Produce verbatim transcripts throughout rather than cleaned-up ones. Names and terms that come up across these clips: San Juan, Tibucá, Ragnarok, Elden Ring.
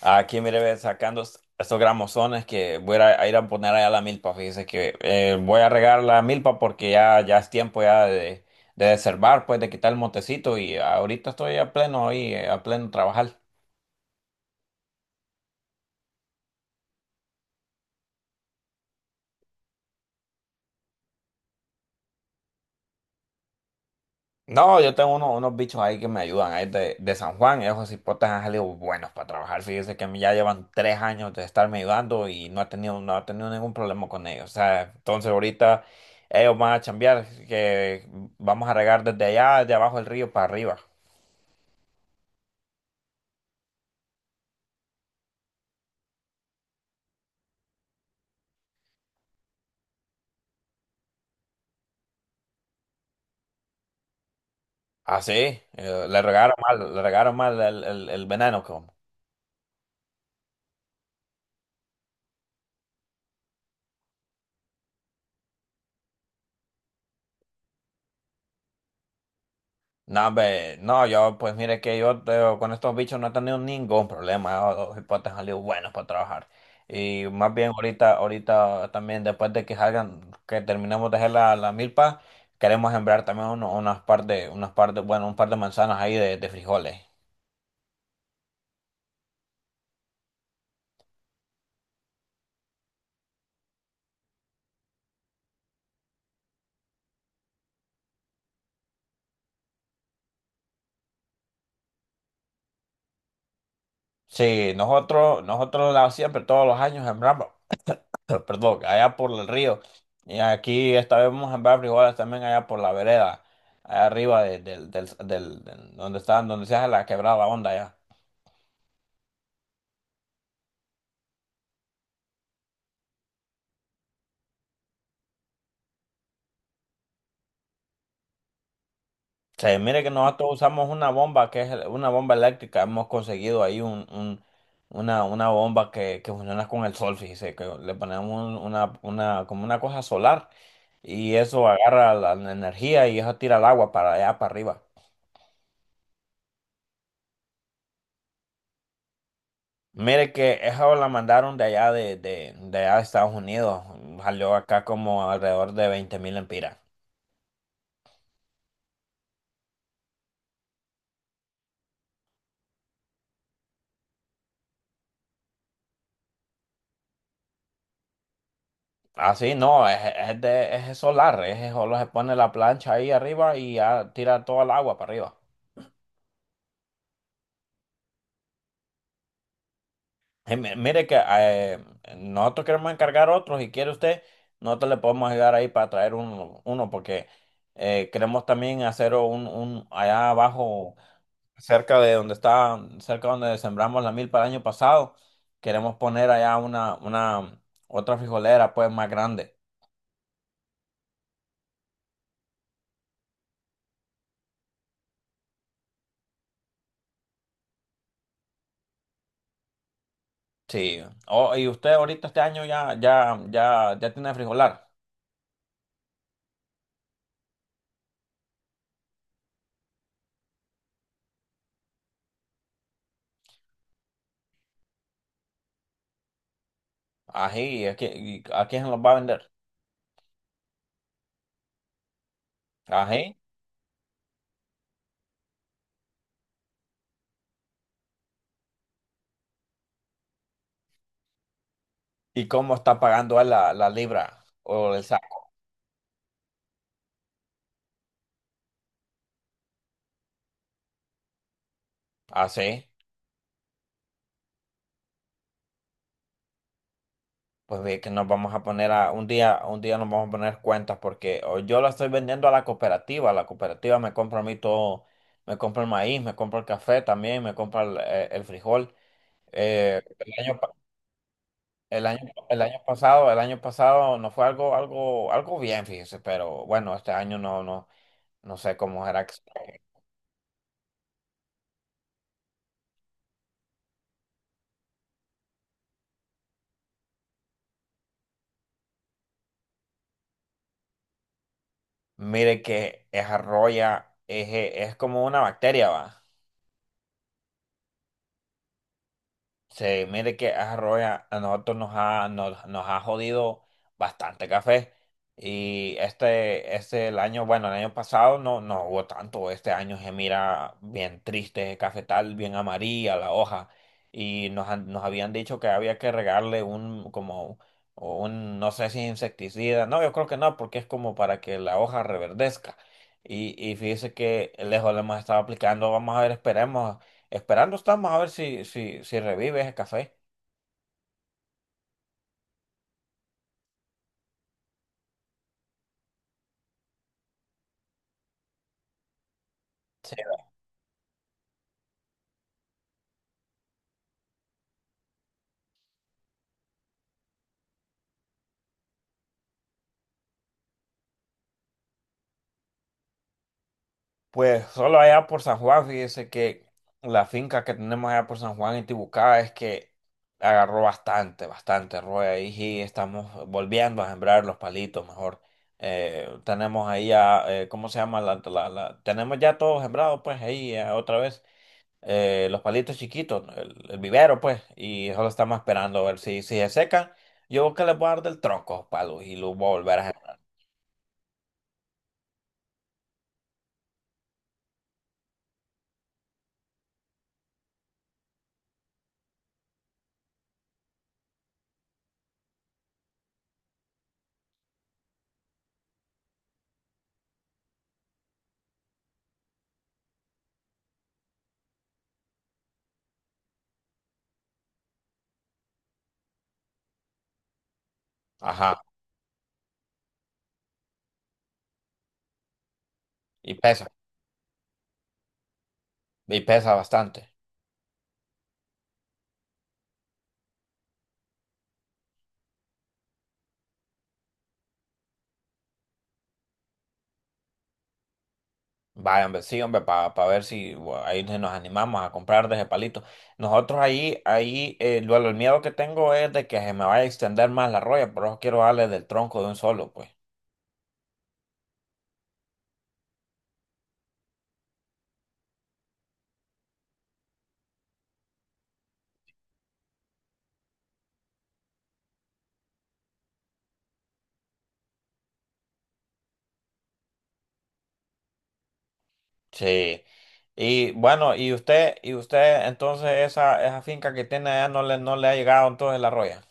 Aquí, mire, ve, sacando est- estos gramozones que voy a, a ir a poner allá a la milpa. Fíjese que eh, voy a regar la milpa porque ya, ya es tiempo ya de, de desherbar, pues de quitar el montecito y ahorita estoy a pleno ahí, eh, a pleno trabajar. No, yo tengo uno- unos bichos ahí que me ayudan, ahí de, de San Juan, esos hipotes han salido buenos para trabajar. Fíjese que ya llevan tres años de estarme ayudando y no he tenido, no he tenido ningún problema con ellos. O sea, entonces ahorita ellos van a chambear, que vamos a regar desde allá, de abajo del río para arriba. Así, eh, le regaron mal, le regaron mal el, el, el veneno. Como. No, hombre, no, yo, pues mire que yo te- con estos bichos no he tenido ningún problema. Los hipotes han salido buenos para trabajar. Y más bien ahorita, ahorita también, después de que salgan, que terminemos de hacer la, la milpa, queremos sembrar también uno- unas par de, unas par de, bueno, un par de manzanas ahí de, de frijoles. Sí, nosotros, nosotros la- siempre todos los años sembramos. Pero, perdón, allá por el río. Y aquí esta vez vamos a sembrar frijoles también allá por la vereda, allá arriba de- del, del, del- del- donde está, donde se hace la quebrada onda allá. Se mire que nosotros usamos una bomba que es el- una bomba eléctrica. Hemos conseguido ahí un, un- una, una bomba que, que funciona con el sol, fíjese, que le ponemos un- una, una, como una cosa solar y eso agarra la, la energía y eso tira el agua para allá para arriba. Mire que esa la mandaron de allá de, de, de allá de Estados Unidos. Salió acá como alrededor de veinte mil empiras. Ah, sí, no, es, es de es solar, es solo se pone la plancha ahí arriba y ya tira toda el agua para arriba. Eh, mi- mire que eh, nosotros queremos encargar otros, y quiere usted, nosotros le podemos ayudar ahí para traer uno, uno, porque eh, queremos también hacer un, un allá abajo, cerca de donde está, cerca donde sembramos la milpa el año pasado. Queremos poner allá una, una, otra frijolera, pues, más grande. Sí. Oh, y usted ahorita este año ya, ya, ya, ya tiene frijolar. Ají. ¿Y ¿a quién, y a quién se los va a vender? Ají. ¿Y cómo está pagando él la, la libra o el saco? Así. Pues ve que nos vamos a poner a un día, un día nos vamos a poner cuentas, porque o yo la estoy vendiendo a la cooperativa, la cooperativa me compra a mí todo, me compra el maíz, me compra el café también, me compra el, eh, el frijol. Eh, el año, pa- el año, el año pasado, el año pasado, no fue algo, algo, algo bien, fíjese, pero bueno, este año no, no, no sé cómo será que- Mire que es arroya, es, eh, es como una bacteria, va. Se mire que Arroya a nosotros nos ha, nos, nos ha jodido bastante café. Y este, este el año, bueno, el año pasado no, no hubo tanto. Este año se mira bien triste, cafetal, bien amarilla la hoja. Y nos, han- nos habían dicho que había que regarle un, como, un, no sé si insecticida. No, yo creo que no, porque es como para que la hoja reverdezca. Y, y fíjese que lejos le hemos estado aplicando. Vamos a ver, esperemos. Esperando estamos a ver si, si, si revive ese café. Sí. Pues solo allá por San Juan, fíjese que la finca que tenemos allá por San Juan en Tibucá es que agarró bastante, bastante roya ahí, y estamos volviendo a sembrar los palitos mejor. Eh, tenemos ahí ya, eh, ¿cómo se llama? La, la- la- tenemos ya todo sembrado, pues ahí, eh, otra vez, eh, los palitos chiquitos, el, el vivero, pues. Y solo estamos esperando a ver si, si se secan. Yo creo que les voy a dar del tronco, palos, y los voy a volver a sembrar. Ajá. Y pesa, y pesa bastante. Vaya, hombre, sí, hombre, para ver si bueno, ahí nos animamos a comprar de ese palito. Nosotros ahí, ahí, eh, lo- el miedo que tengo es de que se me vaya a extender más la roya, por eso quiero darle del tronco de un solo, pues. Sí. Y bueno, y usted, y usted, entonces esa, esa finca que tiene allá no le, no le ha llegado entonces la roya.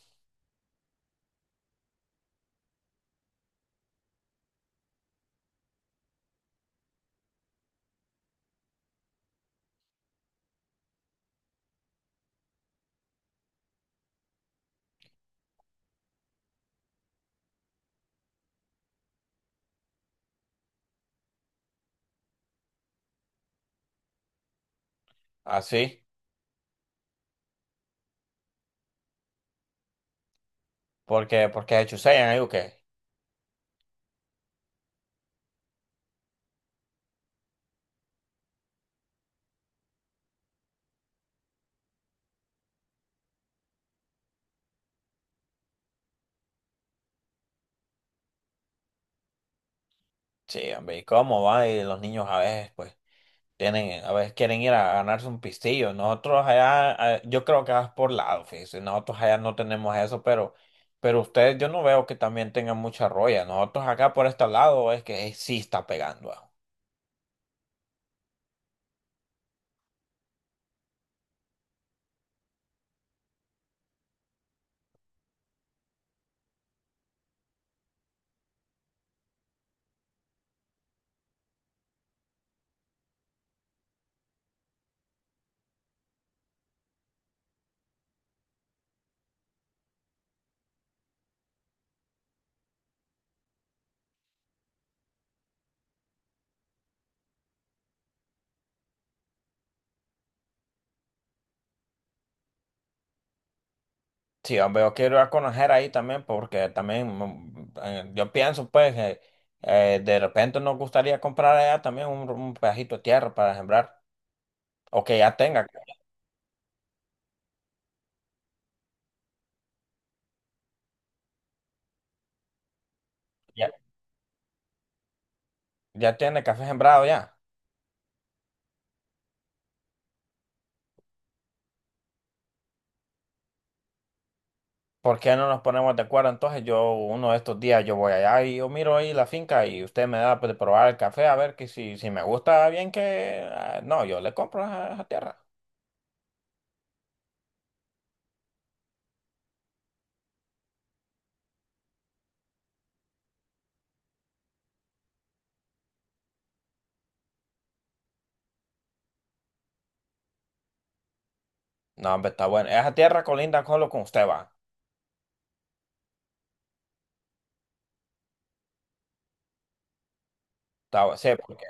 Así. Porque, porque se chusean ahí o qué. Sí, hombre, ¿y cómo va? Y los niños a veces, pues, tienen, a veces quieren ir a ganarse un pistillo. Nosotros allá, eh, yo creo que vas por lado, fíjese. Nosotros allá no tenemos eso, pero, pero ustedes, yo no veo que también tengan mucha roya. Nosotros acá por este lado es que eh, sí está pegando ah. Sí, hombre, yo quiero ir a conocer ahí también, porque también mm, eh, yo pienso, pues, que eh, de repente nos gustaría comprar allá también un, un pedacito de tierra para sembrar, o que ya tenga, ya, ya tiene café sembrado ya. ¿Por qué no nos ponemos de acuerdo? Entonces yo, uno de estos días, yo voy allá y yo miro ahí la finca y usted me da, pues, de probar el café, a ver que si, si me gusta bien que... ah, No, yo le compro esa, esa tierra. No, hombre, está bueno. Esa tierra colinda con lo que usted va. Está bu- sí, porque...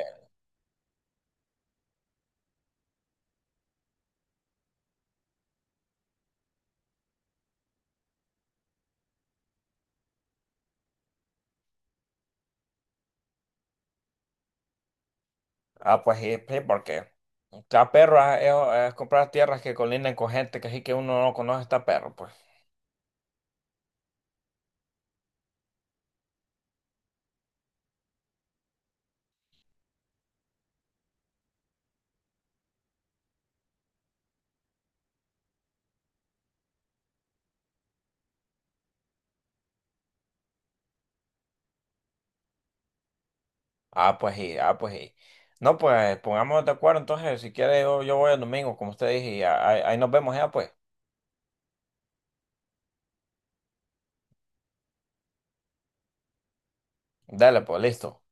Ah, pues sí, sí, porque... Está perro ah, es, es comprar tierras que colindan con gente que sí, que uno no conoce, está perro, pues. Ah, pues sí, ah, pues sí. No, pues pongámonos de acuerdo entonces. Si quiere, yo, yo, voy el domingo, como usted dije, y ahí, ahí nos vemos ya, pues. Dale, pues, listo.